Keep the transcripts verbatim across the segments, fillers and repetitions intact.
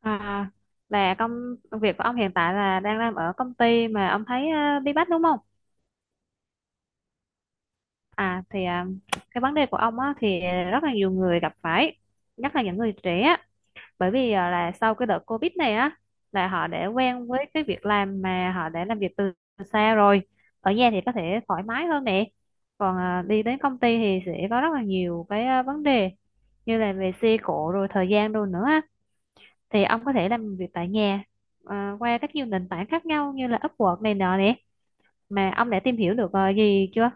À, là công việc của ông hiện tại là đang làm ở công ty mà ông thấy uh, bí bách đúng không? À thì à, cái vấn đề của ông á, thì rất là nhiều người gặp phải, nhất là những người trẻ á. Bởi vì à, là sau cái đợt Covid này á là họ đã quen với cái việc làm mà họ đã làm việc từ xa rồi. Ở nhà thì có thể thoải mái hơn nè. Còn à, đi đến công ty thì sẽ có rất là nhiều cái à, vấn đề như là về xe cộ rồi thời gian đồ nữa á. Thì ông có thể làm việc tại nhà, ờ, qua các nhiều nền tảng khác nhau như là Upwork này nọ nè mà ông đã tìm hiểu được ờ, gì chưa?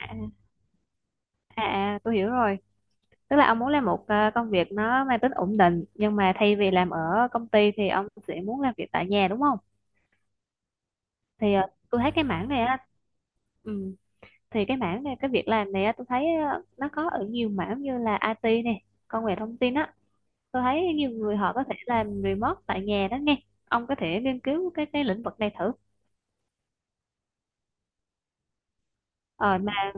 à, à à, tôi hiểu rồi, tức là ông muốn làm một ờ, công việc nó mang tính ổn định nhưng mà thay vì làm ở công ty thì ông sẽ muốn làm việc tại nhà đúng không? Thì ờ, tôi thấy cái mảng này á, ừ, thì cái mảng này cái việc làm này á tôi thấy ờ, nó có ở nhiều mảng như là ai ti này, công nghệ thông tin á. Tôi thấy nhiều người họ có thể làm remote tại nhà đó nghe, ông có thể nghiên cứu cái cái lĩnh vực này thử. Ờ, mà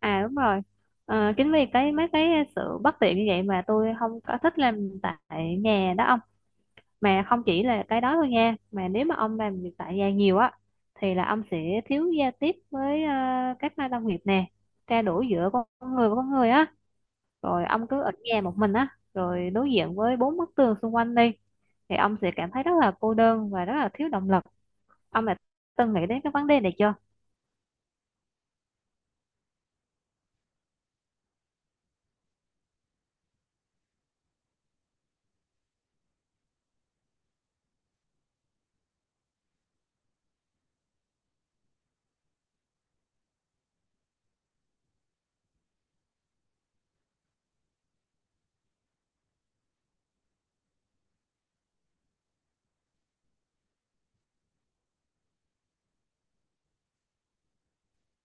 À đúng rồi. Ờ, chính vì cái mấy cái sự bất tiện như vậy mà tôi không có thích làm tại nhà đó ông. Mà không chỉ là cái đó thôi nha. Mà nếu mà ông làm việc tại nhà nhiều á thì là ông sẽ thiếu giao tiếp với ờ, các nơi đồng nghiệp nè, trao đổi giữa con người với con người á. Rồi ông cứ ở nhà một mình á, rồi đối diện với bốn bức tường xung quanh đi thì ông sẽ cảm thấy rất là cô đơn và rất là thiếu động lực. Ông đã từng nghĩ đến cái vấn đề này chưa?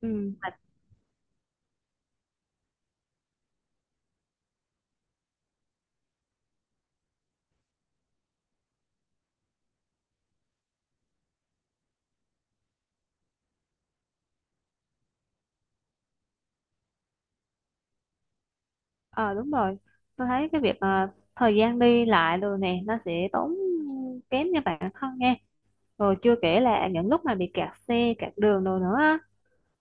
Ừ. Ờ đúng rồi, tôi thấy cái việc ờ, thời gian đi lại rồi nè nó sẽ tốn kém cho bản thân nha, rồi chưa kể là những lúc mà bị kẹt xe kẹt đường rồi nữa á,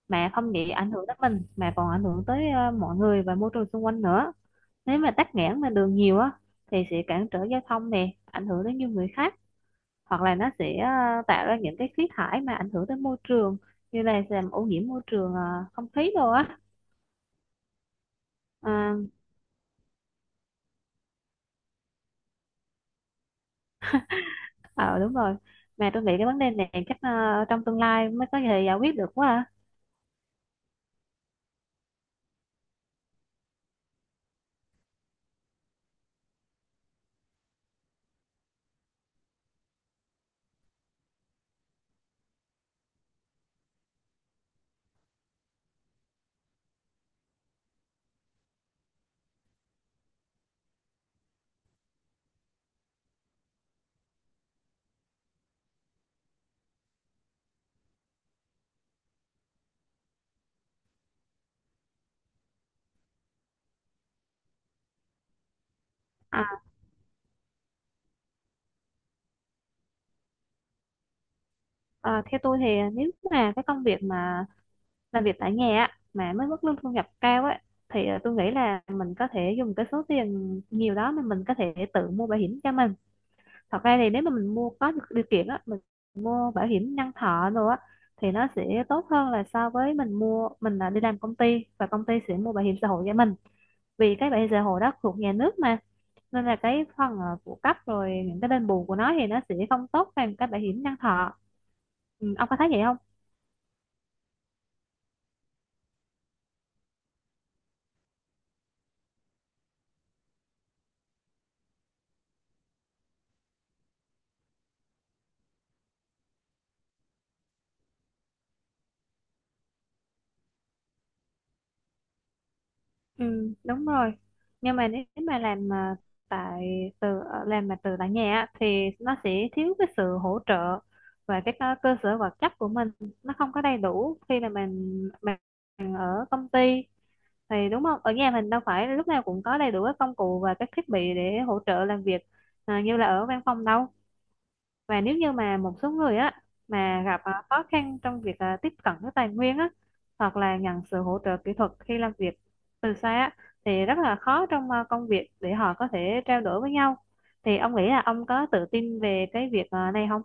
mà không chỉ ảnh hưởng tới mình mà còn ảnh hưởng tới ờ, mọi người và môi trường xung quanh nữa. Nếu mà tắc nghẽn mà đường nhiều á thì sẽ cản trở giao thông nè, ảnh hưởng đến nhiều người khác, hoặc là nó sẽ ờ, tạo ra những cái khí thải mà ảnh hưởng tới môi trường, như là làm ô nhiễm môi trường ờ, không khí đồ á. Ờ, ờ đúng rồi, mà tôi nghĩ cái vấn đề này chắc ờ, trong tương lai mới có thể giải quyết được quá. à. À, ờ, theo tôi thì nếu mà cái công việc mà làm việc tại nhà á, mà mới mức lương thu nhập cao ấy thì ờ, tôi nghĩ là mình có thể dùng cái số tiền nhiều đó mà mình có thể tự mua bảo hiểm cho mình. Thật ra thì nếu mà mình mua có điều kiện á, mình mua bảo hiểm nhân thọ rồi á thì nó sẽ tốt hơn là so với mình mua, mình là đi làm công ty và công ty sẽ mua bảo hiểm xã hội cho mình, vì cái bảo hiểm xã hội đó thuộc nhà nước mà. Nên là cái phần ờ, phụ cấp rồi những cái đền bù của nó thì nó sẽ không tốt bằng cái bảo hiểm nhân thọ. Ừ, ông có thấy vậy không? Ừ, đúng rồi, nhưng mà nếu mà làm mà tại từ ờ, làm mà từ tại nhà á, thì nó sẽ thiếu cái sự hỗ trợ và cái cơ cơ sở vật chất của mình. Nó không có đầy đủ khi mà mình mình ở công ty thì, đúng không, ở nhà mình đâu phải lúc nào cũng có đầy đủ các công cụ và các thiết bị để hỗ trợ làm việc à, như là ở văn phòng đâu. Và nếu như mà một số người á mà gặp à, khó khăn trong việc à, tiếp cận với tài nguyên á, hoặc là nhận sự hỗ trợ kỹ thuật khi làm việc từ xa á thì rất là khó trong à, công việc để họ có thể trao đổi với nhau. Thì ông nghĩ là ông có tự tin về cái việc à, này không?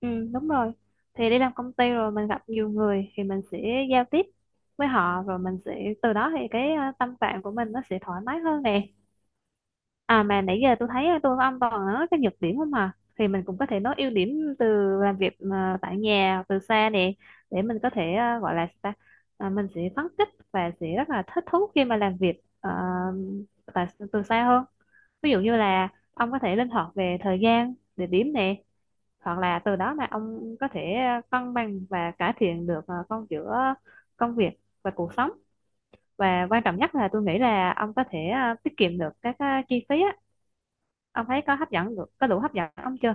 Ừ đúng rồi, thì đi làm công ty rồi mình gặp nhiều người thì mình sẽ giao tiếp với họ, rồi mình sẽ từ đó thì cái à, tâm trạng của mình nó sẽ thoải mái hơn nè. À mà nãy giờ tôi thấy tôi với ông toàn nói cái nhược điểm không à, thì mình cũng có thể nói ưu điểm từ làm việc mà tại nhà từ xa nè, để mình có thể à, gọi là sao ta? À, mình sẽ phấn khích và sẽ rất là thích thú khi mà làm việc ờ, tại từ xa hơn. Ví dụ như là ông có thể linh hoạt về thời gian địa điểm nè, hoặc là từ đó mà ông có thể à, cân bằng và cải thiện được à, con giữa công việc và cuộc sống. Và quan trọng nhất là tôi nghĩ là ông có thể à, tiết kiệm được các à, chi phí á. Ông thấy có hấp dẫn, đủ- có đủ hấp dẫn ông chưa?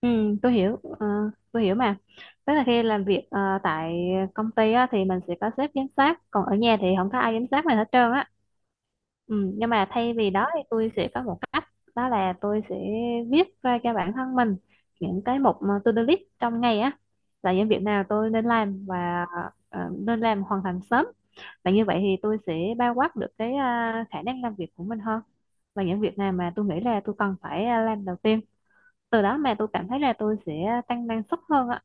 Ừ, tôi hiểu ờ, tôi hiểu mà, tức là khi làm việc ờ, tại công ty á, thì mình sẽ có sếp giám sát, còn ở nhà thì không có ai giám sát mình hết trơn á. Ừ, nhưng mà thay vì đó thì tôi sẽ có một cách, đó là tôi sẽ viết ra cho bản thân mình những cái mục mà to-do list trong ngày á, là những việc nào tôi nên làm và ờ, nên làm hoàn thành sớm. Và như vậy thì tôi sẽ bao quát được cái à, khả năng làm việc của mình hơn, và những việc nào mà tôi nghĩ là tôi cần phải à, làm đầu tiên, từ đó mà tôi cảm thấy là tôi sẽ tăng năng suất hơn ạ.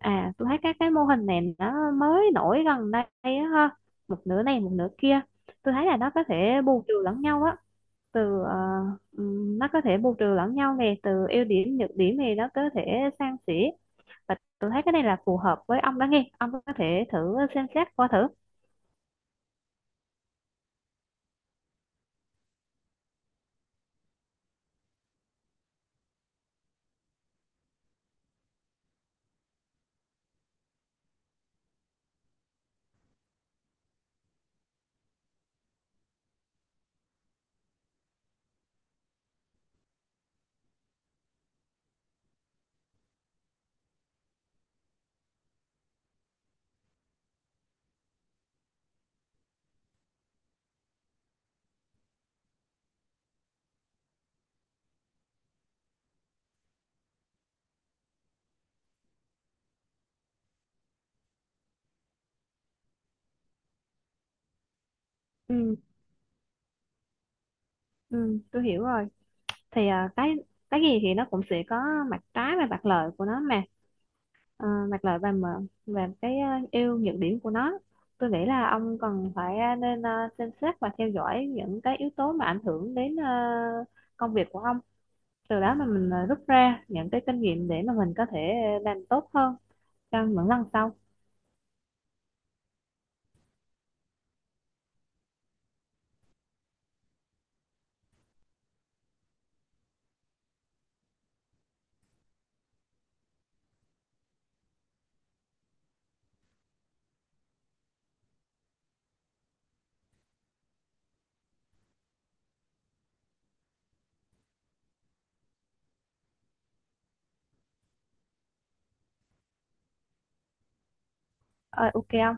À tôi thấy các cái mô hình này nó mới nổi gần đây á ha, một nửa này một nửa kia, tôi thấy là nó có thể bù trừ lẫn nhau á, từ ờ, ừm, nó có thể bù trừ lẫn nhau nè, từ ưu điểm nhược điểm thì nó có thể san sẻ. Và tôi thấy cái này là phù hợp với ông đó nghe, ông có thể thử xem xét qua thử. ừ, ừ, tôi hiểu rồi, thì ờ, cái cái gì thì nó cũng sẽ có mặt trái và mặt lợi của nó mà. Ờ, mặt lợi và mờ và cái ờ, ưu nhược điểm của nó, tôi nghĩ là ông cần phải ờ, nên ờ, xem xét và theo dõi những cái yếu tố mà ảnh hưởng đến ờ, công việc của ông, từ đó mà mình ờ, rút ra những cái kinh nghiệm để mà mình có thể ờ, làm tốt hơn trong những lần sau. Ờ, ok không.